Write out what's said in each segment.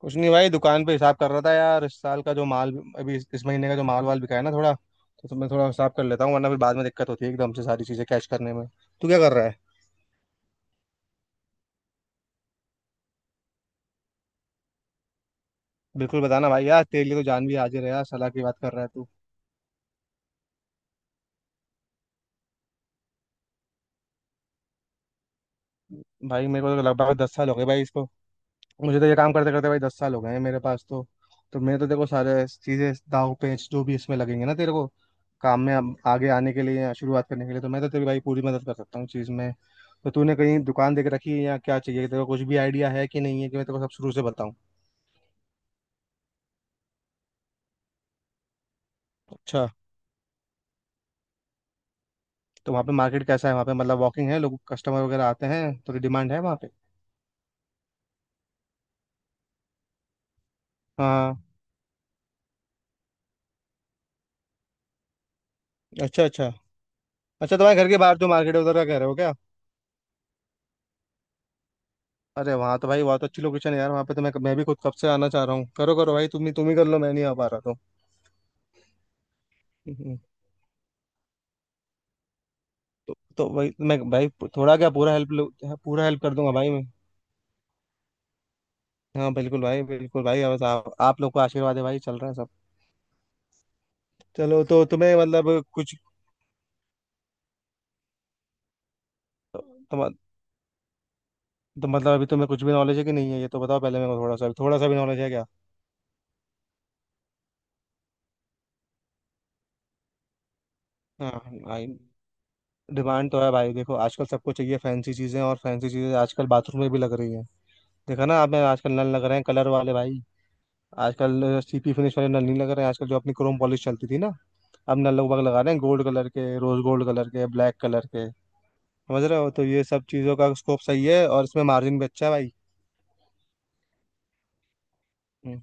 कुछ नहीं भाई, दुकान पे हिसाब कर रहा था यार, इस साल का जो माल, अभी इस महीने का जो माल वाल बिका है ना थोड़ा, तो मैं थोड़ा हिसाब कर लेता हूँ, वरना फिर बाद में दिक्कत होती है एकदम से सारी चीजें कैश करने में। तू क्या कर रहा है? बिल्कुल बताना भाई, यार तेरे लिए तो जान भी हाजिर है, यार सलाह की बात कर रहा है तू। भाई मेरे को तो लगभग 10 साल हो गए भाई इसको। मुझे तो ये काम करते करते भाई 10 साल हो गए हैं मेरे पास तो। तो मैं तो देखो सारे चीजें, दाव पेंच जो भी इसमें लगेंगे ना तेरे को काम में, अब आगे आने के लिए या शुरुआत करने के लिए, तो मैं तो तेरी भाई पूरी मदद कर सकता हूँ चीज में। तो तूने कहीं दुकान देख रखी है या क्या चाहिए तेरे को? कुछ भी आइडिया है कि नहीं है, कि मैं तेरे को सब शुरू से बताऊँ? अच्छा, तो वहाँ पे मार्केट कैसा है वहाँ पे? मतलब वॉकिंग है, लोग कस्टमर वगैरह आते हैं, तो डिमांड है वहाँ पे? हाँ। अच्छा अच्छा। अच्छा, तुम्हारे घर के बाहर जो मार्केट है उधर का कह रहे हो क्या? अरे वहाँ तो भाई बहुत अच्छी लोकेशन है यार, वहाँ पे तो मैं भी खुद कब से आना चाह रहा हूँ। करो करो भाई, तुम ही कर लो, मैं नहीं आ पा रहा तो। हम्म। तो भाई मैं भाई, थोड़ा क्या पूरा हेल्प, पूरा हेल्प कर दूंगा भाई मैं। हाँ बिल्कुल भाई, बिल्कुल भाई, बस आप लोग को आशीर्वाद है भाई, चल रहा है सब। चलो, तो तुम्हें मतलब कुछ, तुम, तो मतलब अभी तुम्हें कुछ भी नॉलेज है कि नहीं है ये तो बताओ पहले मेरे को, थोड़ा सा भी नॉलेज है क्या? हाँ भाई, डिमांड तो है भाई। देखो आजकल सबको चाहिए फैंसी चीजें, और फैंसी चीजें आजकल बाथरूम में भी लग रही है। देखा ना आप में आजकल नल लग रहे हैं कलर वाले भाई। आजकल सीपी फिनिश वाले नल नहीं लग रहे हैं, आजकल जो अपनी क्रोम पॉलिश चलती थी ना, अब नल लोग बाग लगा रहे हैं गोल्ड कलर के, रोज गोल्ड कलर के, ब्लैक कलर के, समझ रहे हो? तो ये सब चीज़ों का स्कोप सही है, और इसमें मार्जिन भी अच्छा है भाई। हम्म।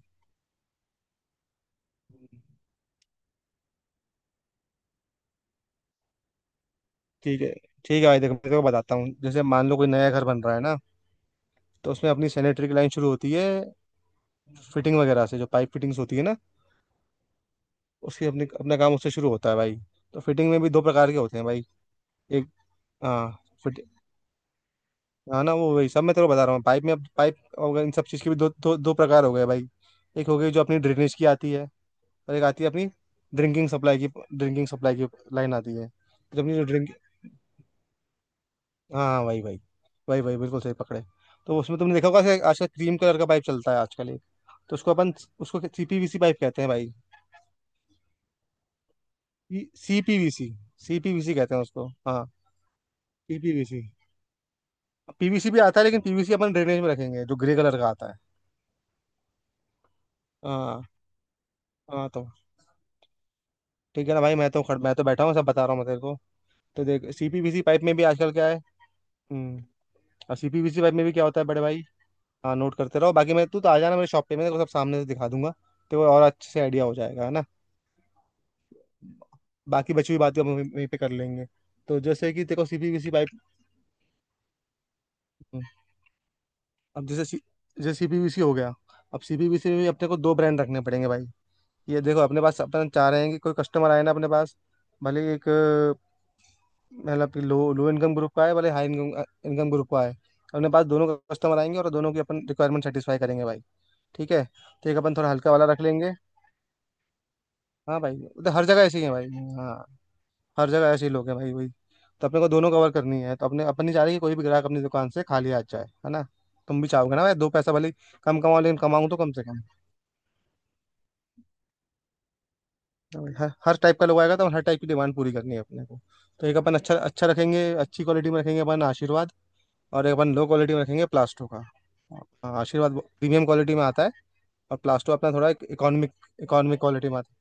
ठीक है, ठीक है भाई, देखो मैं तेरे को बताता हूँ, जैसे मान लो कोई नया घर बन रहा है ना, तो उसमें अपनी सैनिटरी की लाइन शुरू होती है फिटिंग वगैरह से। जो पाइप फिटिंग्स होती है ना, उसकी अपनी, अपना काम उससे शुरू होता है भाई। तो फिटिंग में भी दो प्रकार के होते हैं भाई। एक, हाँ, हाँ ना, वो वही सब मैं तेरे को बता रहा हूँ। पाइप में, अब पाइप और इन सब चीज़ के भी दो दो दो प्रकार हो गए भाई। एक हो गई जो अपनी ड्रेनेज की आती है, और एक आती है अपनी ड्रिंकिंग सप्लाई की। ड्रिंकिंग सप्लाई की लाइन आती है, तो अपनी जो ड्रिंक, हाँ हाँ वही वही, वही वही, बिल्कुल सही पकड़े। तो उसमें तुमने देखा होगा, ऐसे आजकल क्रीम कलर का पाइप चलता है आजकल एक, तो उसको अपन, उसको सीपीवीसी पाइप कहते हैं भाई। सीपीवीसी, सीपीवीसी कहते हैं उसको हाँ, सीपीवीसी। पीवीसी भी आता है लेकिन पीवीसी अपन ड्रेनेज में रखेंगे, जो ग्रे कलर का आता है। हाँ, हाँ तो ठीक है ना भाई, मैं तो खड़, मैं तो बैठा हूँ सब बता रहा हूँ मैं तेरे को। तो देख, सीपीवीसी पाइप में भी आजकल क्या है, हम्म, और सीपीवीसी पाइप में भी क्या होता है बड़े भाई। हाँ नोट करते रहो, बाकी मैं, तू तो आ जाना मेरे शॉप पे, मैं तेरे को सब सामने से दिखा दूंगा, तो और अच्छे से आइडिया हो जाएगा, है ना। बाकी बची हुई बातें हम वहीं वहीं पे कर लेंगे। तो जैसे कि देखो, सीपीवीसी पाइप, अब जैसे सी-, जैसे सीपीवीसी हो गया, अब सीपीवीसी में भी अपने को 2 ब्रांड रखने पड़ेंगे भाई। ये देखो, अपने पास अपन चाह रहे हैं कि कोई कस्टमर आए ना अपने पास, भले ही एक मतलब कि लो लो इनकम ग्रुप का है, भले हाई इनकम इनकम ग्रुप का है, अपने पास दोनों कस्टमर आएंगे और दोनों की अपन रिक्वायरमेंट सेटिस्फाई करेंगे भाई, ठीक है। तो एक अपन थोड़ा हल्का वाला रख लेंगे। हाँ भाई, वो तो हर जगह ऐसे ही है भाई। हाँ, हर जगह ऐसे ही लोग हैं भाई, वही। तो अपने को दोनों कवर करनी है, तो अपने, अपन नहीं चाह रहे कि कोई भी ग्राहक अपनी दुकान से खाली आ जाए, है ना। तुम भी चाहोगे ना भाई, दो पैसा भले ही कम कमाओ, लेकिन कमाऊँ तो कम से कम। और हर हर टाइप का लोग आएगा, तो हर टाइप की डिमांड पूरी करनी है अपने को। तो एक अपन अच्छा, अच्छा रखेंगे, अच्छी क्वालिटी में रखेंगे अपन, आशीर्वाद। और एक अपन लो क्वालिटी में रखेंगे, प्लास्टो का। हाँ, आशीर्वाद प्रीमियम क्वालिटी में आता है, और प्लास्टो अपना थोड़ा इकोनॉमिक, इकोनॉमिक क्वालिटी में आता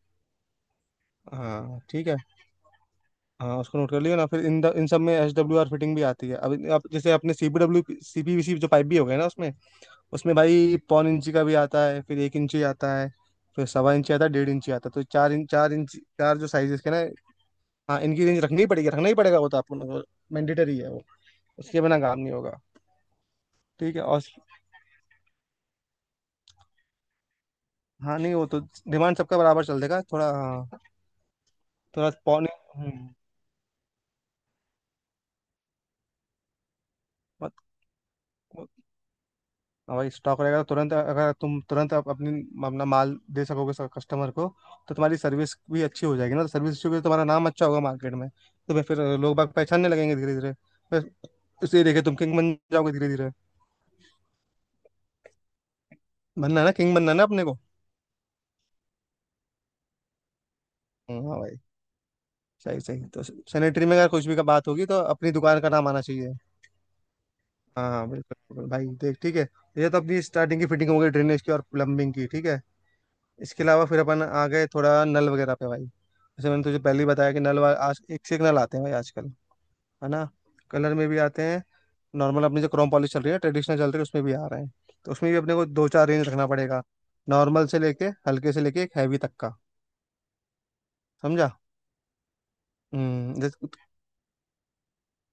है। हाँ ठीक है। हाँ उसको नोट कर लियो ना, फिर इन सब में एच डब्ल्यू आर फिटिंग भी आती है। अब जैसे अपने C P W, C P V C जो पाइप भी हो गया ना, उसमें, उसमें भाई पौन इंची का भी आता है, फिर एक इंची आता है, फिर सवा इंची आता है, डेढ़ इंची आता है, तो चार इंच, चार इंच, चार, जो साइजेस के ना। हाँ इनकी रेंज रखनी ही पड़ेगी, रखना ही पड़ेगा वो तो आपको, मैंडेटरी है वो, उसके बिना काम नहीं होगा। ठीक है, और, हाँ नहीं वो तो, डिमांड सबका बराबर चल देगा थोड़ा, हाँ, थोड़ा पौने, हम्म, मत-, मत-, हाँ भाई स्टॉक रहेगा तो तुरंत, अगर तुम तुरंत आप अपनी अपना माल दे सकोगे कस्टमर को, तो तुम्हारी सर्विस भी अच्छी हो जाएगी ना, तो सर्विस अच्छी होगी तो तुम्हारा नाम अच्छा होगा मार्केट में, तो भाई फिर लोग बाग पहचानने लगेंगे धीरे धीरे। फिर उसे देखे तुम किंग बन जाओगे धीरे धीरे। बनना है ना, किंग बनना है ना अपने को। हाँ हाँ भाई, सही सही, तो सैनिटरी में अगर कुछ भी का बात होगी तो अपनी दुकान का नाम आना चाहिए। हाँ हाँ बिल्कुल बिल्कुल। भाई देख ठीक है, ये तो अपनी स्टार्टिंग की फिटिंग हो गई, ड्रेनेज की और प्लम्बिंग की, ठीक है। इसके अलावा फिर अपन आ गए थोड़ा नल वगैरह पे भाई, जैसे मैंने तुझे पहले ही बताया कि नल वा-, आज एक से एक नल आते हैं भाई आजकल, है ना। कलर में भी आते हैं, नॉर्मल अपनी जो क्रोम पॉलिश चल रही है, ट्रेडिशनल चल रही है उसमें भी आ रहे हैं। तो उसमें भी अपने को दो चार रेंज रखना पड़ेगा, नॉर्मल से लेके, हल्के से लेके एक हैवी तक का, समझा। हम्म,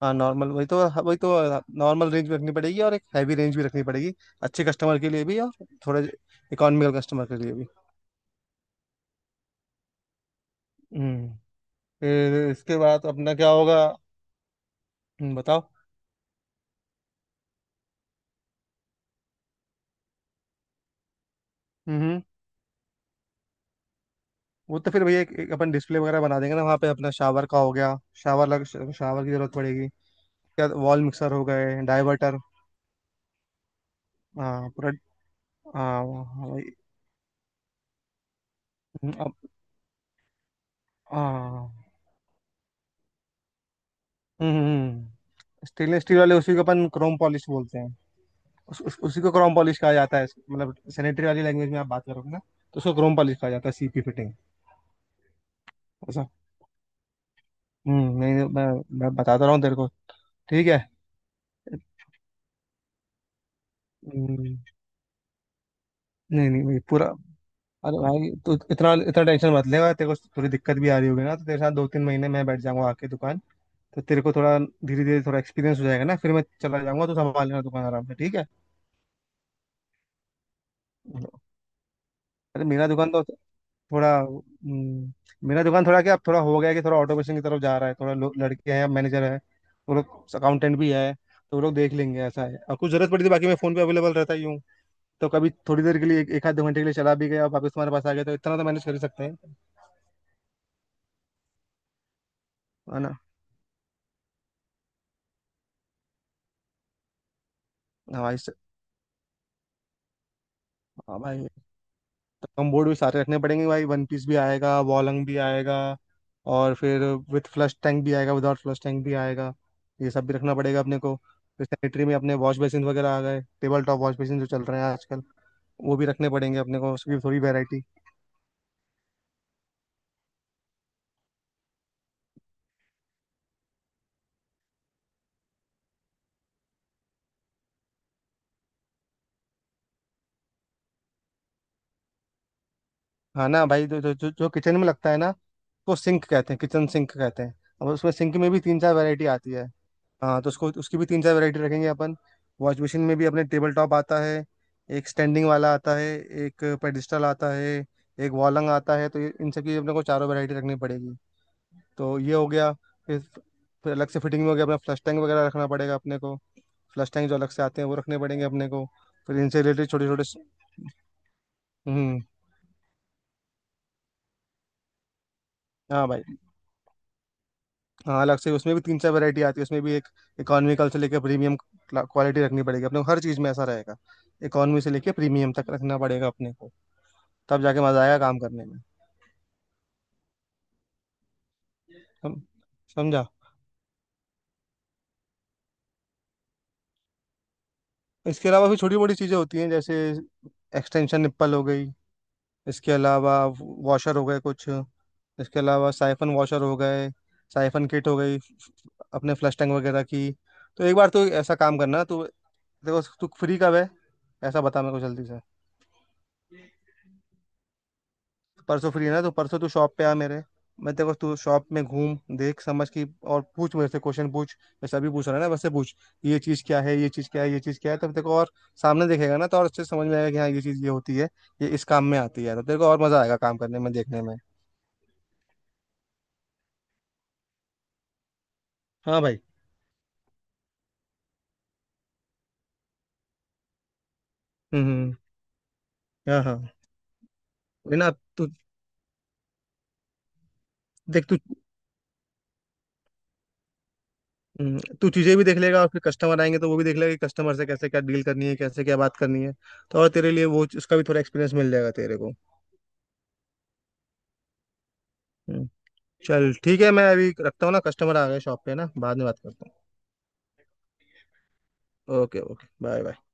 हाँ नॉर्मल, वही तो, हाँ वही तो, नॉर्मल रेंज भी रखनी पड़ेगी और एक हैवी रेंज भी रखनी पड़ेगी, अच्छे कस्टमर के लिए भी और थोड़े इकोनॉमिकल कस्टमर के लिए भी। हम्म। फिर इसके बाद अपना क्या होगा, हम्म बताओ, हम्म। वो तो फिर भैया एक अपन डिस्प्ले वगैरह बना देंगे ना वहाँ पे, अपना शावर का हो गया, शावर लग, शावर की जरूरत पड़ेगी, क्या वॉल मिक्सर हो गए, डाइवर्टर। हाँ पूरा। हाँ हाँ, वही। अब-, हाँ, हम्म, स्टेनलेस स्टील वाले, उसी को अपन क्रोम पॉलिश बोलते हैं। उसी को क्रोम पॉलिश कहा जाता है, मतलब सैनिटरी वाली लैंग्वेज में आप बात करोगे ना तो उसको क्रोम पॉलिश कहा जाता है, सीपी फिटिंग, ऐसा। हम्म, नहीं नहीं, मैं बताता रहा हूँ तेरे को, ठीक है। हम्म, नहीं नहीं भाई पूरा, अरे भाई तू इतना, इतना टेंशन मत लेगा, तेरे को थोड़ी दिक्कत भी आ रही होगी ना, तो तेरे साथ 2-3 महीने मैं बैठ जाऊंगा आके दुकान, तो तेरे को थोड़ा धीरे धीरे थोड़ा एक्सपीरियंस हो जाएगा ना, फिर मैं चला जाऊंगा तो संभाल लेना दुकान आराम से, ठीक है। अरे मेरा दुकान तो थोड़ा, मेरा दुकान थोड़ा क्या अब, थोड़ा हो गया है कि थोड़ा ऑटोमेशन की तरफ जा रहा है, थोड़ा लोग लड़के हैं, मैनेजर है, वो लोग अकाउंटेंट भी है, तो वो लोग देख लेंगे ऐसा है, और कुछ जरूरत पड़ी तो बाकी मैं फोन पे अवेलेबल रहता ही हूँ। तो कभी थोड़ी देर के लिए एक एक आध 2 घंटे के लिए चला भी गया, वापस तुम्हारे पास आ गया, तो इतना तो मैनेज कर ही सकते हैं, है ना। हाँ भाई से-, हाँ भाई, कम बोर्ड भी सारे रखने पड़ेंगे भाई, वन पीस भी आएगा, वॉलंग भी आएगा, और फिर विथ फ्लश टैंक भी आएगा, विदाउट फ्लश टैंक भी आएगा, ये सब भी रखना पड़ेगा अपने को। फिर सैनिटरी में अपने वॉश बेसिन वगैरह आ गए, टेबल टॉप वॉश बेसिन जो चल रहे हैं आजकल, वो भी रखने पड़ेंगे अपने को, उसकी भी थोड़ी वैरायटी। हाँ ना भाई, जो किचन में लगता है ना, तो सिंक कहते हैं, किचन सिंक कहते हैं। अब उसमें, सिंक में भी 3-4 वैरायटी आती है। हाँ, तो उसको, उसकी भी 3-4 वैरायटी रखेंगे अपन। वॉश मशीन में भी अपने टेबल टॉप आता है, एक स्टैंडिंग वाला आता है, एक पेडिस्टल आता है, एक वॉलंग आता है, तो ये-, इन सब की अपने को चारों वैरायटी रखनी पड़ेगी, तो ये हो गया। फिर फिर अलग से फिटिंग में हो गया अपना, फ्लश टैंक वगैरह रखना पड़ेगा अपने को। फ्लश टैंक जो अलग से आते हैं वो रखने पड़ेंगे अपने को। फिर इनसे रिलेटेड छोटे छोटे, हम्म, हाँ भाई, हाँ, अलग से उसमें भी तीन चार वैरायटी आती है। उसमें भी एक इकोनॉमिकल से लेकर प्रीमियम क्वालिटी रखनी पड़ेगी अपने को, हर चीज़ में ऐसा रहेगा, इकोनॉमी से लेकर प्रीमियम तक रखना पड़ेगा अपने को, तब जाके मजा आएगा काम करने में। सम, समझा। इसके अलावा भी छोटी मोटी चीजें होती हैं, जैसे एक्सटेंशन निप्पल हो गई, इसके अलावा वॉशर हो गए कुछ, इसके अलावा साइफन वॉशर हो गए, साइफन किट हो गई अपने फ्लश टैंक वगैरह की। तो एक बार तो ऐसा काम करना तू, देखो तू फ्री कब है, ऐसा बता मेरे को जल्दी से। परसों फ्री है ना, तो परसों तू शॉप पे आ मेरे, मैं तेरे को, तू शॉप में घूम, देख, समझ की, और पूछ मेरे से, क्वेश्चन पूछ जैसे अभी पूछ रहा है ना वैसे पूछ। ये चीज क्या है, ये चीज क्या है, ये चीज क्या है, तब तेरे को, और सामने देखेगा ना तो और अच्छे से समझ में आएगा कि हाँ ये चीज ये होती है, ये इस काम में आती है, तो तेरे को और मजा आएगा काम करने में, देखने में। हाँ भाई, हम्म, हाँ हाँ वही ना, तू देख तू, तू चीजें भी देख लेगा, और फिर कस्टमर आएंगे तो वो भी देख लेगा कि कस्टमर से कैसे क्या डील करनी है, कैसे क्या बात करनी है, तो और तेरे लिए वो, उसका भी थोड़ा एक्सपीरियंस मिल जाएगा तेरे को। हम्म। चल ठीक है, मैं अभी रखता हूँ ना, कस्टमर आ गए शॉप पे ना, बाद में बात करता हूँ। Okay okay, bye bye.